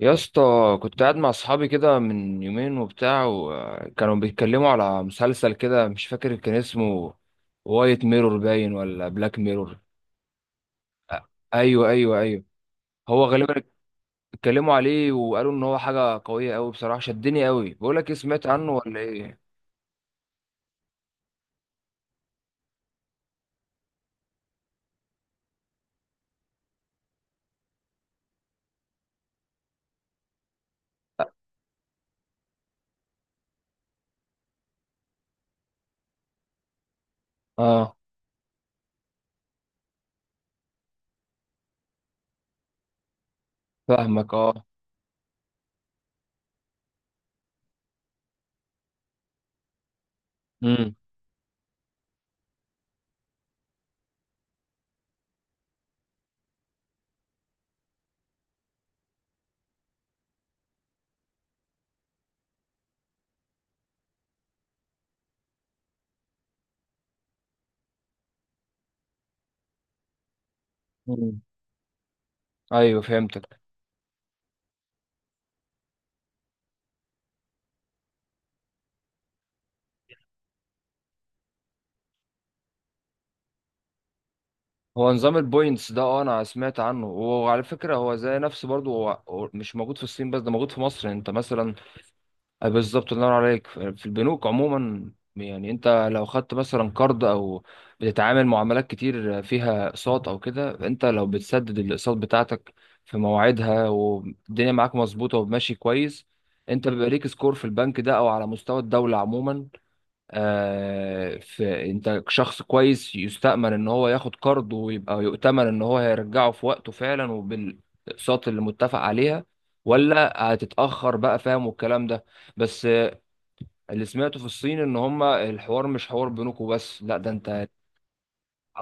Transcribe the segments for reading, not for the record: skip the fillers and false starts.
يا اسطى، كنت قاعد مع اصحابي كده من يومين وبتاع، وكانوا بيتكلموا على مسلسل كده مش فاكر كان اسمه. وايت ميرور باين ولا بلاك ميرور؟ ايوه، ايوه، ايوه. هو غالبا اتكلموا عليه وقالوا ان هو حاجه قويه قوي، بصراحه شدني قوي. بقول لك ايه، سمعت عنه ولا ايه؟ اه. فاهمك، اه. امم. أمم. ايوه، فهمتك. هو نظام البوينتس ده، انا سمعت عنه، وعلى فكره هو زي نفسه برضو. هو مش موجود في الصين بس، ده موجود في مصر، انت مثلا. آه، بالظبط، الله ينور عليك. في البنوك عموما، يعني انت لو خدت مثلا قرض او بتتعامل معاملات كتير فيها اقساط او كده، انت لو بتسدد الاقساط بتاعتك في مواعيدها والدنيا معاك مظبوطه وماشي كويس، انت بيبقى ليك سكور في البنك ده او على مستوى الدوله عموما. في، انت شخص كويس يستأمن ان هو ياخد قرض، ويبقى يؤتمن ان هو هيرجعه في وقته فعلا وبالاقساط اللي متفق عليها ولا هتتأخر بقى، فاهم، والكلام ده. بس اللي سمعته في الصين ان هما الحوار مش حوار بينكم بس، لا ده انت.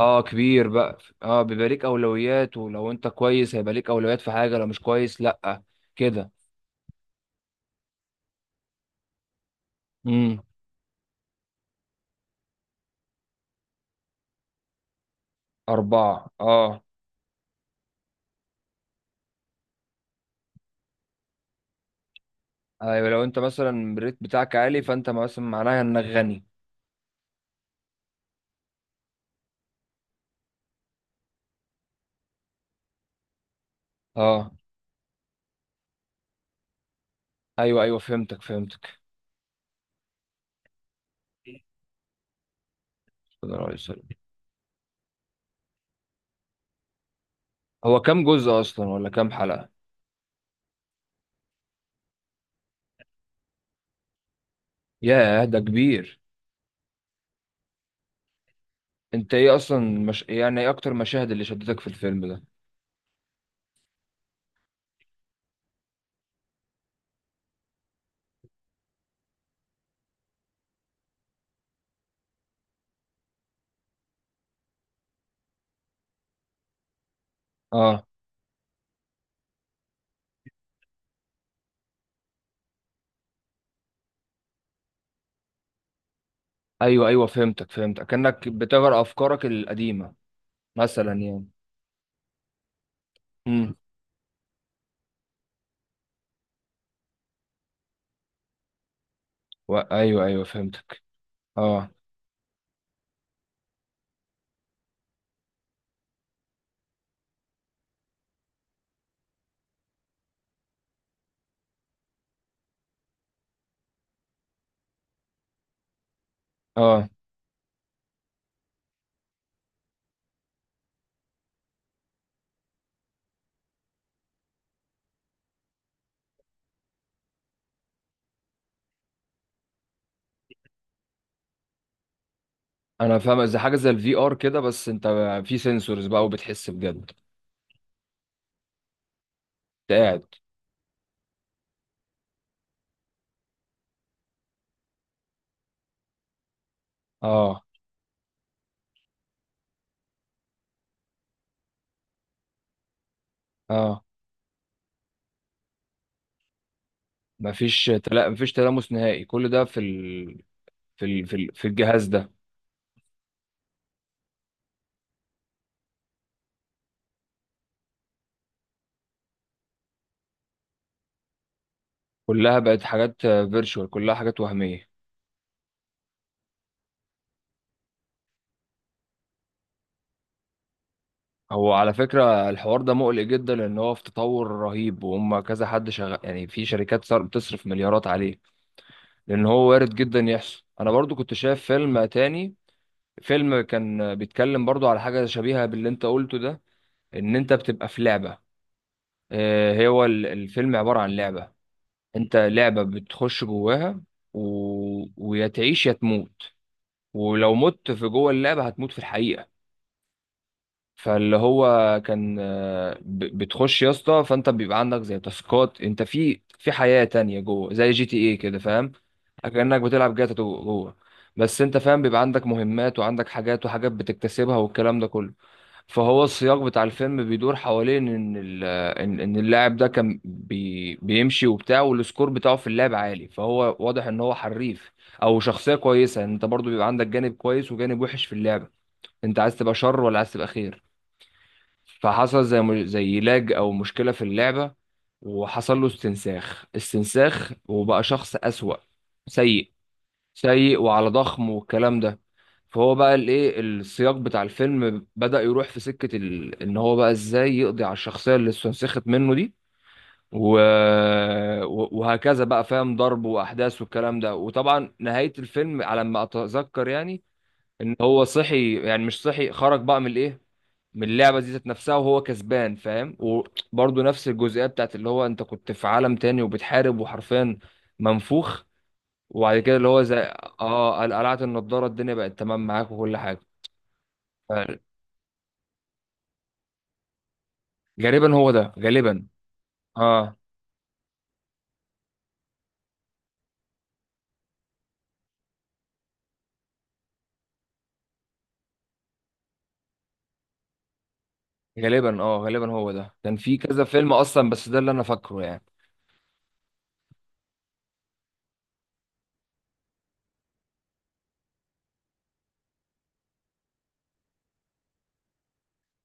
اه، كبير بقى. اه، بيبقى ليك اولويات، ولو انت كويس هيبقى ليك اولويات في حاجة، لو مش كويس لا، كده. امم. اربعة، اه. ايوه لو انت مثلا الريت بتاعك عالي، فانت مثلا معناها انك غني. اه، ايوه، ايوه، فهمتك، فهمتك. صلى الله عليه وسلم. هو كام جزء اصلا، ولا كام حلقة؟ ياه، ده كبير. انت ايه اصلا، مش يعني ايه اكتر مشاهد اللي شدتك في الفيلم ده؟ اه، ايوه، ايوه، فهمتك، فهمتك، كأنك بتغير افكارك القديمة. مثلا يعني. امم. ايوه، ايوه، فهمتك. اه اه انا فاهم زي حاجة زي الفي ار كده بس انت في سنسورز بقى وبتحس بجد انت قاعد اه اه. مفيش تلامس نهائي، كل ده في الجهاز ده. كلها بقت حاجات فيرتشوال، كلها حاجات وهمية. هو على فكرة الحوار ده مقلق جدا، لأن هو في تطور رهيب، وهم كذا حد شغال يعني، في شركات صار بتصرف مليارات عليه، لأن هو وارد جدا يحصل. أنا برضو كنت شايف فيلم تاني، فيلم كان بيتكلم برضو على حاجة شبيهة باللي أنت قلته ده. إن أنت بتبقى في لعبة. الفيلم عبارة عن لعبة، أنت لعبة بتخش جواها. و... ويا تعيش يا تموت، ولو مت في جوه اللعبة هتموت في الحقيقة. فاللي هو كان بتخش يا اسطى، فانت بيبقى عندك زي تاسكات، انت في حياة تانية جوه، زي جي تي ايه كده، فاهم؟ كأنك بتلعب جوه، بس انت فاهم بيبقى عندك مهمات، وعندك حاجات وحاجات بتكتسبها والكلام ده كله. فهو السياق بتاع الفيلم بيدور حوالين ان ال- ان إن اللاعب ده كان بيمشي وبتاع، والسكور بتاعه في اللعب عالي، فهو واضح ان هو حريف او شخصية كويسة. يعني انت برضو بيبقى عندك جانب كويس وجانب وحش في اللعبة، انت عايز تبقى شر ولا عايز تبقى خير. فحصل زي لاج او مشكله في اللعبه، وحصل له استنساخ استنساخ، وبقى شخص اسوأ، سيء سيء وعلى ضخم والكلام ده. فهو بقى الايه، السياق بتاع الفيلم بدأ يروح في ان هو بقى ازاي يقضي على الشخصية اللي استنسخت منه دي. و... وهكذا بقى، فاهم، ضرب واحداث والكلام ده. وطبعا نهاية الفيلم على ما اتذكر يعني ان هو صحي، يعني مش صحي، خرج بقى من الايه، من اللعبه دي ذات نفسها وهو كسبان، فاهم. وبرضه نفس الجزئيه بتاعت اللي هو انت كنت في عالم تاني وبتحارب وحرفيا منفوخ، وبعد كده اللي هو زي قلعت النضاره، الدنيا بقت تمام معاك وكل حاجه. ف- غالبا هو ده غالبا. اه غالبا غالبا هو ده كان في كذا فيلم اصلا، بس ده اللي انا فاكره يعني.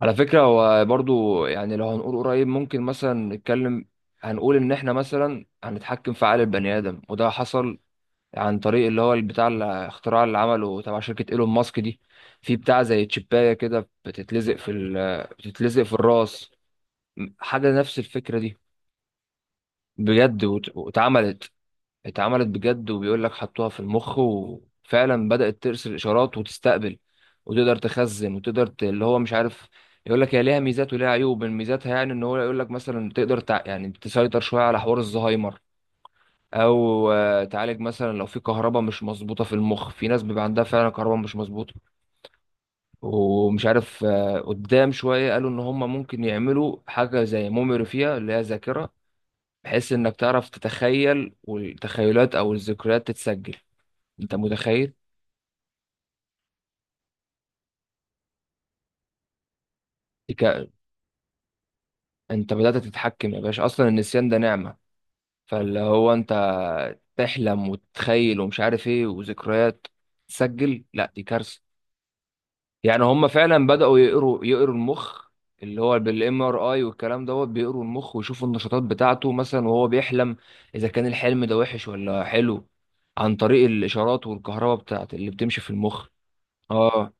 على فكرة هو برضو، يعني لو هنقول قريب، ممكن مثلا نتكلم، هنقول إن إحنا مثلا هنتحكم في عقل البني آدم، وده حصل. عن طريق اللي هو بتاع الاختراع اللي عمله تبع شركة إيلون ماسك دي، في بتاع زي تشيباية كده بتتلزق في ال بتتلزق في الراس، حاجة نفس الفكرة دي. بجد، واتعملت، اتعملت بجد. وبيقول لك حطوها في المخ، وفعلا بدأت ترسل إشارات وتستقبل، وتقدر تخزن وتقدر اللي هو مش عارف. يقول لك هي ليها ميزات وليها عيوب. من ميزاتها يعني ان هو يقول لك مثلا تقدر يعني تسيطر شوية على حوار الزهايمر، او تعالج مثلا لو في كهرباء مش مظبوطة في المخ، في ناس بيبقى عندها فعلا كهرباء مش مظبوطة. ومش عارف، قدام شوية قالوا ان هم ممكن يعملوا حاجة زي ميموري فيها، اللي هي ذاكرة، بحيث انك تعرف تتخيل، والتخيلات او الذكريات تتسجل. انت متخيل؟ تك... انت بدأت تتحكم يا باشا، اصلا النسيان ده نعمة. فاللي هو انت تحلم وتتخيل ومش عارف ايه وذكريات تسجل، لا دي كارثة. يعني هم فعلا بدأوا يقروا يقروا المخ، اللي هو بالام ار اي والكلام دوت، بيقروا المخ ويشوفوا النشاطات بتاعته، مثلا وهو بيحلم، اذا كان الحلم ده وحش ولا حلو، عن طريق الاشارات والكهرباء بتاعت اللي بتمشي في المخ. اه.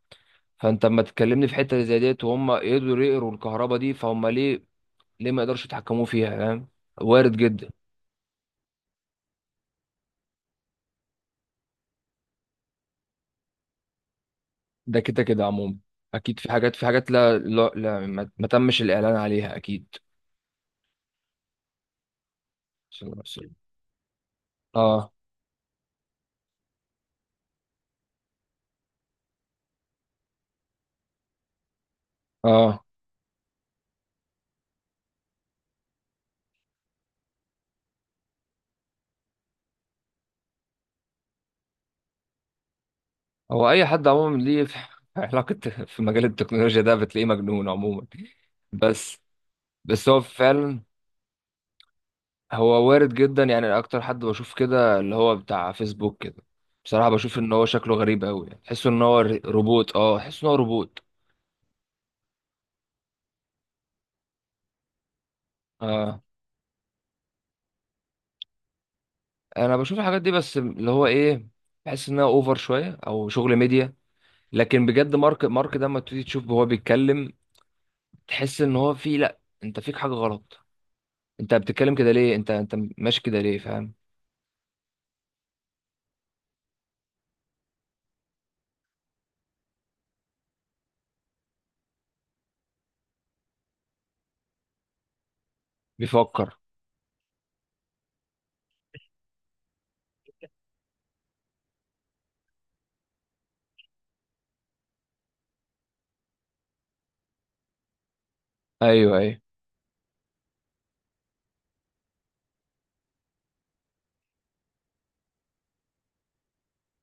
فانت اما تكلمني في حته زي ديت وهم يقدروا يقروا الكهرباء دي، فهم ليه ما يقدرش يتحكموا فيها، فاهم، وارد جدا. ده كده كده عموما، اكيد في حاجات لا ما تمش الاعلان عليها اكيد. صلى الله عليه وسلم. اه، اه. هو اي حد عموما ليه في علاقه في مجال التكنولوجيا ده بتلاقيه مجنون عموما. بس بس هو فعلا هو وارد جدا يعني. اكتر حد بشوف كده اللي هو بتاع فيسبوك كده، بصراحه بشوف ان هو شكله غريب قوي يعني. تحسه ان هو روبوت، تحسه ان هو روبوت. اه، انا بشوف الحاجات دي بس اللي هو ايه، بحس انها اوفر شويه او شغل ميديا. لكن بجد، مارك مارك ده لما تيجي تشوف هو بيتكلم، تحس ان هو فيه، لا انت فيك حاجه غلط. انت بتتكلم كده ليه؟ انت ماشي كده ليه؟ فاهم؟ بيفكر. ايوه، ايوه.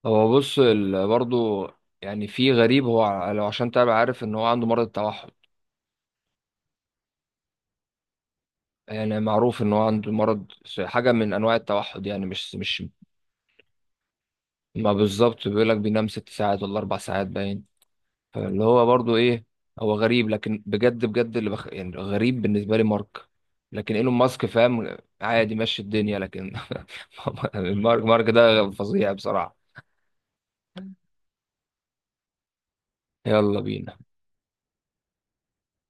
هو بص برضو، يعني في غريب. هو لو عشان تبقى عارف ان هو عنده مرض التوحد، يعني معروف ان هو عنده حاجه من انواع التوحد، يعني مش مش، ما بالظبط. بيقول لك بينام 6 ساعات ولا 4 ساعات باين. فاللي هو برضو ايه، هو غريب لكن بجد بجد يعني غريب بالنسبه لي مارك. لكن ايلون ماسك فاهم، عادي، ماشي الدنيا، لكن مارك مارك ده فظيع بصراحه. يلا بينا.